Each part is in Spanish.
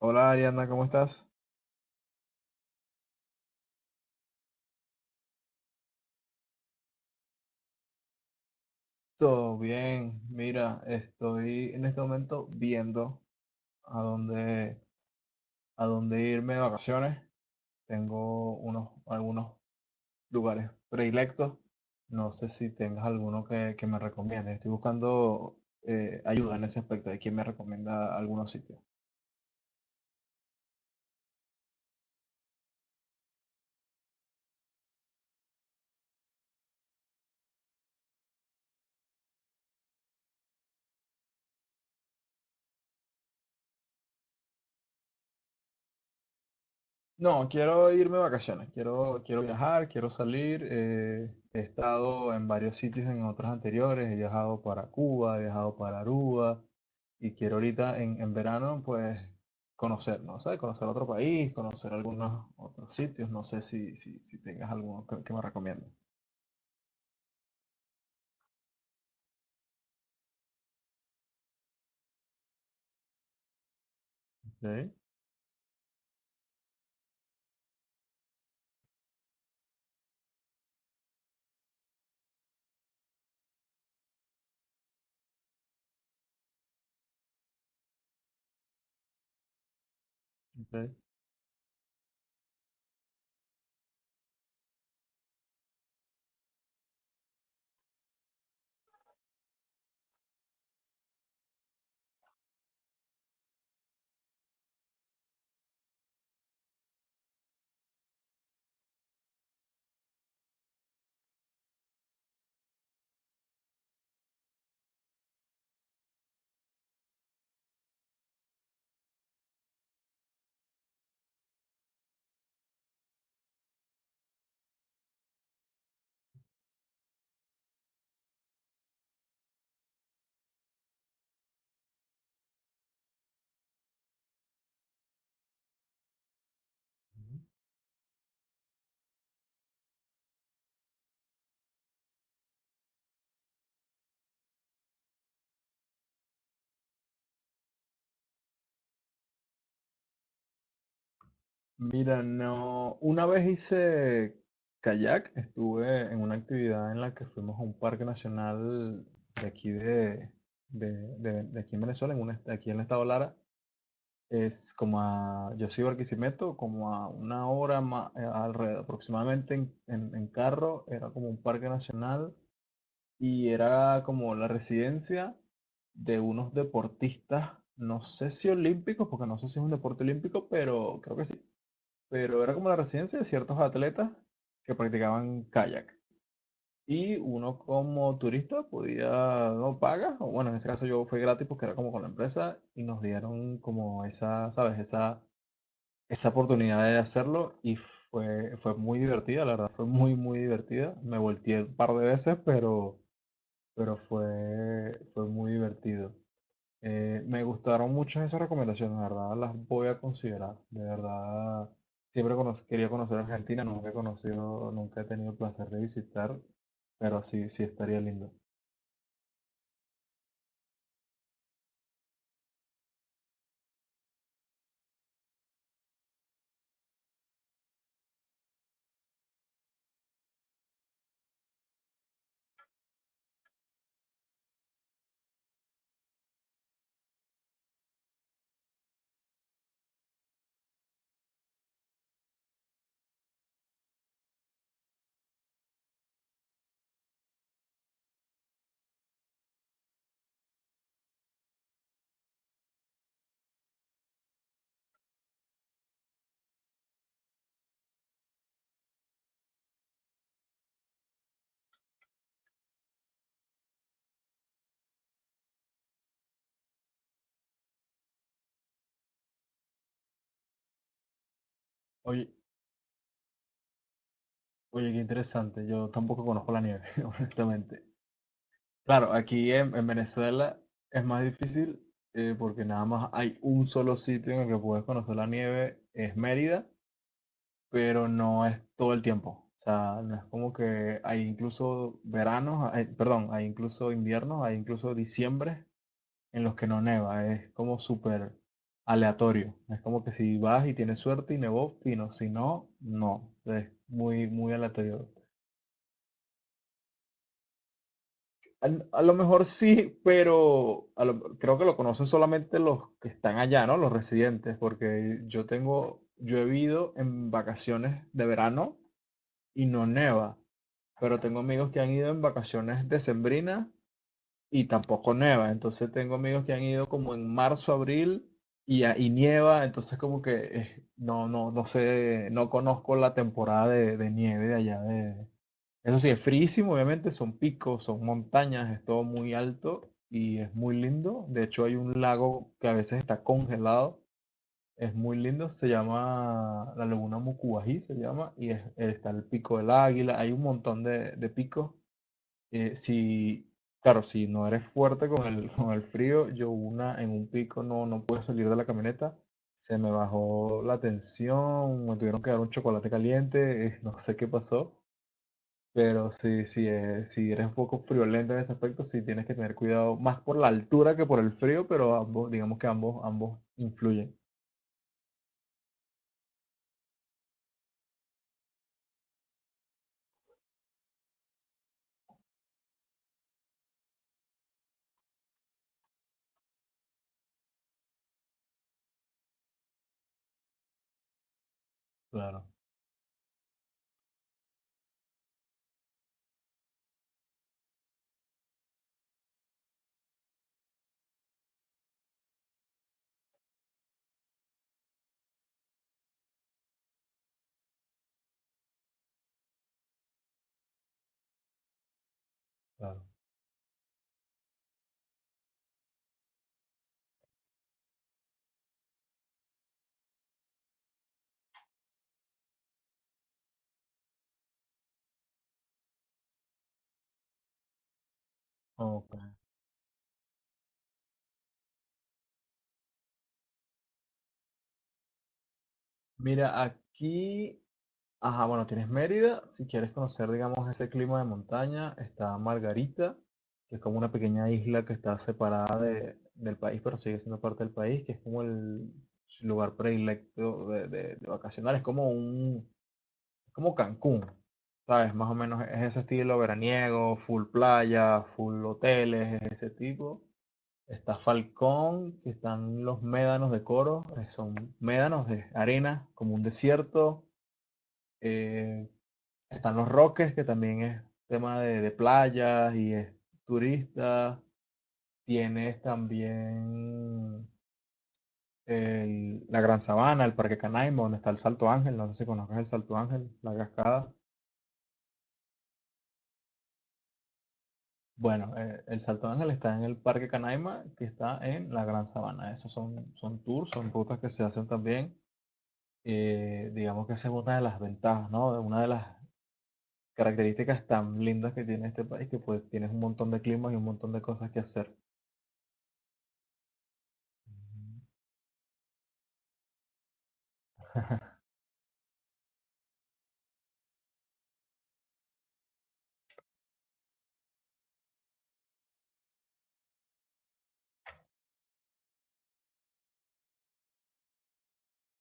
Hola Ariana, ¿cómo estás? Todo bien. Mira, estoy en este momento viendo a dónde, a dónde irme de vacaciones. Tengo unos, algunos lugares predilectos. No sé si tengas alguno que me recomiendes. Estoy buscando ayuda en ese aspecto de quién me recomienda algunos sitios. No, quiero irme de vacaciones, quiero viajar, quiero salir. He estado en varios sitios en otras anteriores, he viajado para Cuba, he viajado para Aruba y quiero ahorita en verano pues conocer, ¿no sé? Conocer otro país, conocer algunos otros sitios, no sé si tengas alguno que me recomiendes. Ok, ok. Mira, no, una vez hice kayak, estuve en una actividad en la que fuimos a un parque nacional de aquí de, de, de aquí en Venezuela, en un aquí en el estado Lara, es como a, yo soy de Barquisimeto, como a una hora alrededor, aproximadamente en carro, era como un parque nacional y era como la residencia de unos deportistas, no sé si olímpicos, porque no sé si es un deporte olímpico, pero creo que sí, pero era como la residencia de ciertos atletas que practicaban kayak. Y uno como turista podía, no paga, o bueno, en ese caso yo fue gratis porque era como con la empresa y nos dieron como esa, ¿sabes? Esa oportunidad de hacerlo y fue muy divertida, la verdad, fue muy, muy divertida. Me volteé un par de veces, pero fue muy divertido. Me gustaron muchas esas recomendaciones, la verdad, las voy a considerar. De verdad, siempre quería conocer Argentina, nunca he conocido, nunca he tenido el placer de visitar, pero sí, sí estaría lindo. Oye, oye, qué interesante, yo tampoco conozco la nieve, honestamente. Claro, aquí en Venezuela es más difícil porque nada más hay un solo sitio en el que puedes conocer la nieve, es Mérida, pero no es todo el tiempo. O sea, no es como que hay incluso veranos, perdón, hay incluso inviernos, hay incluso diciembre en los que no neva. Es como súper aleatorio. No. Es como que si vas y tienes suerte y nevó, fino. Si no, no. Es muy, muy aleatorio. A lo mejor sí, pero creo que lo conocen solamente los que están allá, ¿no? Los residentes, porque yo he vivido en vacaciones de verano y no neva, pero tengo amigos que han ido en vacaciones decembrinas y tampoco neva, entonces tengo amigos que han ido como en marzo, abril y, y nieva, entonces como que no sé, no conozco la temporada de nieve de allá de... Eso sí, es frísimo, obviamente, son picos, son montañas, es todo muy alto y es muy lindo. De hecho, hay un lago que a veces está congelado, es muy lindo, se llama la Laguna Mucubají, se llama, y está el Pico del Águila, hay un montón de picos. Si, claro, si no eres fuerte con el, con el frío, yo una en un pico no pude salir de la camioneta, se me bajó la tensión, me tuvieron que dar un chocolate caliente, no sé qué pasó, pero sí, sí, si eres un poco friolento en ese aspecto, sí tienes que tener cuidado, más por la altura que por el frío, pero ambos, digamos que ambos, ambos influyen. Claro, claro. Ok. Mira, aquí, ajá, bueno, tienes Mérida, si quieres conocer, digamos, ese clima de montaña, está Margarita, que es como una pequeña isla que está separada del país, pero sigue siendo parte del país, que es como el lugar predilecto de vacacionar, es como un, como Cancún, ¿sabes? Más o menos es ese estilo veraniego, full playa, full hoteles, ese tipo. Está Falcón, que están los médanos de Coro, son médanos de arena, como un desierto. Eh, están los Roques, que también es tema de playas y es turista. Tienes también la Gran Sabana, el Parque Canaima, donde está el Salto Ángel. No sé si conozcas el Salto Ángel, la cascada. Bueno, el Salto Ángel está en el Parque Canaima, que está en la Gran Sabana. Esos son, son tours, son rutas que se hacen también. Digamos que esa es una de las ventajas, ¿no? Una de las características tan lindas que tiene este país, que pues tienes un montón de climas y un montón de cosas que hacer.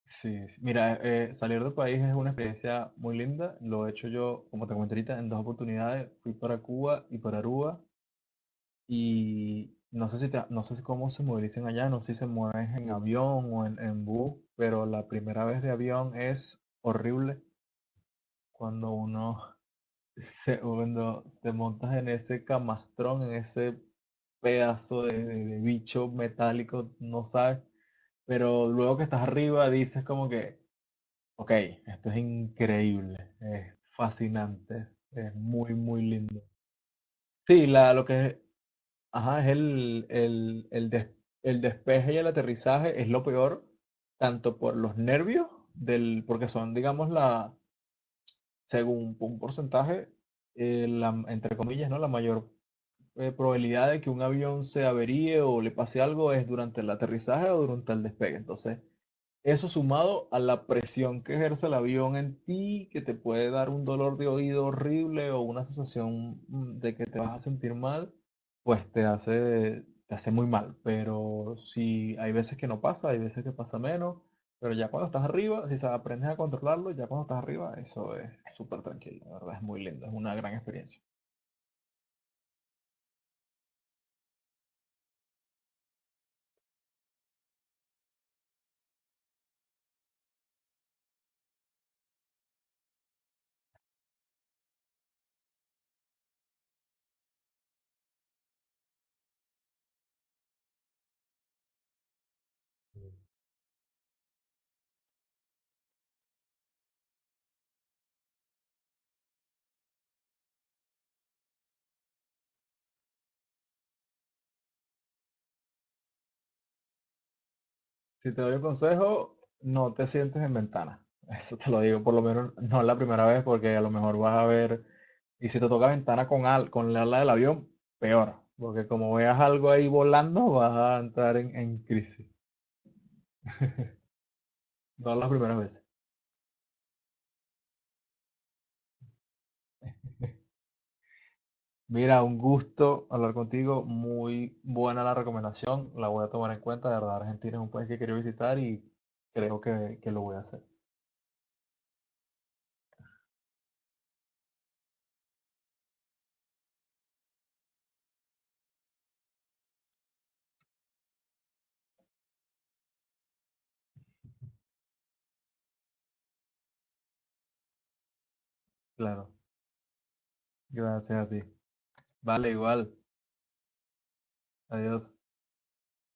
Sí, sí. Mira, salir del país es una experiencia muy linda. Lo he hecho yo, como te comenté ahorita, en dos oportunidades. Fui para Cuba y para Aruba. Y no sé si no sé si cómo se movilizan allá, no sé si se mueven en avión o en bus, pero la primera vez de avión es horrible cuando uno. Segundo, te montas en ese camastrón, en ese pedazo de bicho metálico, no sabes, pero luego que estás arriba dices como que, ok, esto es increíble, fascinante, es muy, muy lindo. Sí, la, lo que es, ajá, es el despeje y el aterrizaje es lo peor, tanto por los nervios, del, porque son, digamos, la, según un porcentaje, la, entre comillas, ¿no? La mayor probabilidad de que un avión se averíe o le pase algo es durante el aterrizaje o durante el despegue. Entonces, eso sumado a la presión que ejerce el avión en ti, que te puede dar un dolor de oído horrible o una sensación de que te vas a sentir mal, pues te hace muy mal. Pero si hay veces que no pasa, hay veces que pasa menos, pero ya cuando estás arriba, si aprendes a controlarlo, ya cuando estás arriba, eso es súper tranquilo, la verdad es muy lindo, es una gran experiencia. Si te doy un consejo, no te sientes en ventana. Eso te lo digo, por lo menos no es la primera vez, porque a lo mejor vas a ver, y si te toca ventana con, al, con la ala del avión, peor, porque como veas algo ahí volando, vas a entrar en crisis. No las primeras veces. Mira, un gusto hablar contigo, muy buena la recomendación, la voy a tomar en cuenta, de verdad Argentina es un país que quiero visitar y creo que lo voy a hacer. Claro, gracias a ti. Vale, igual, adiós.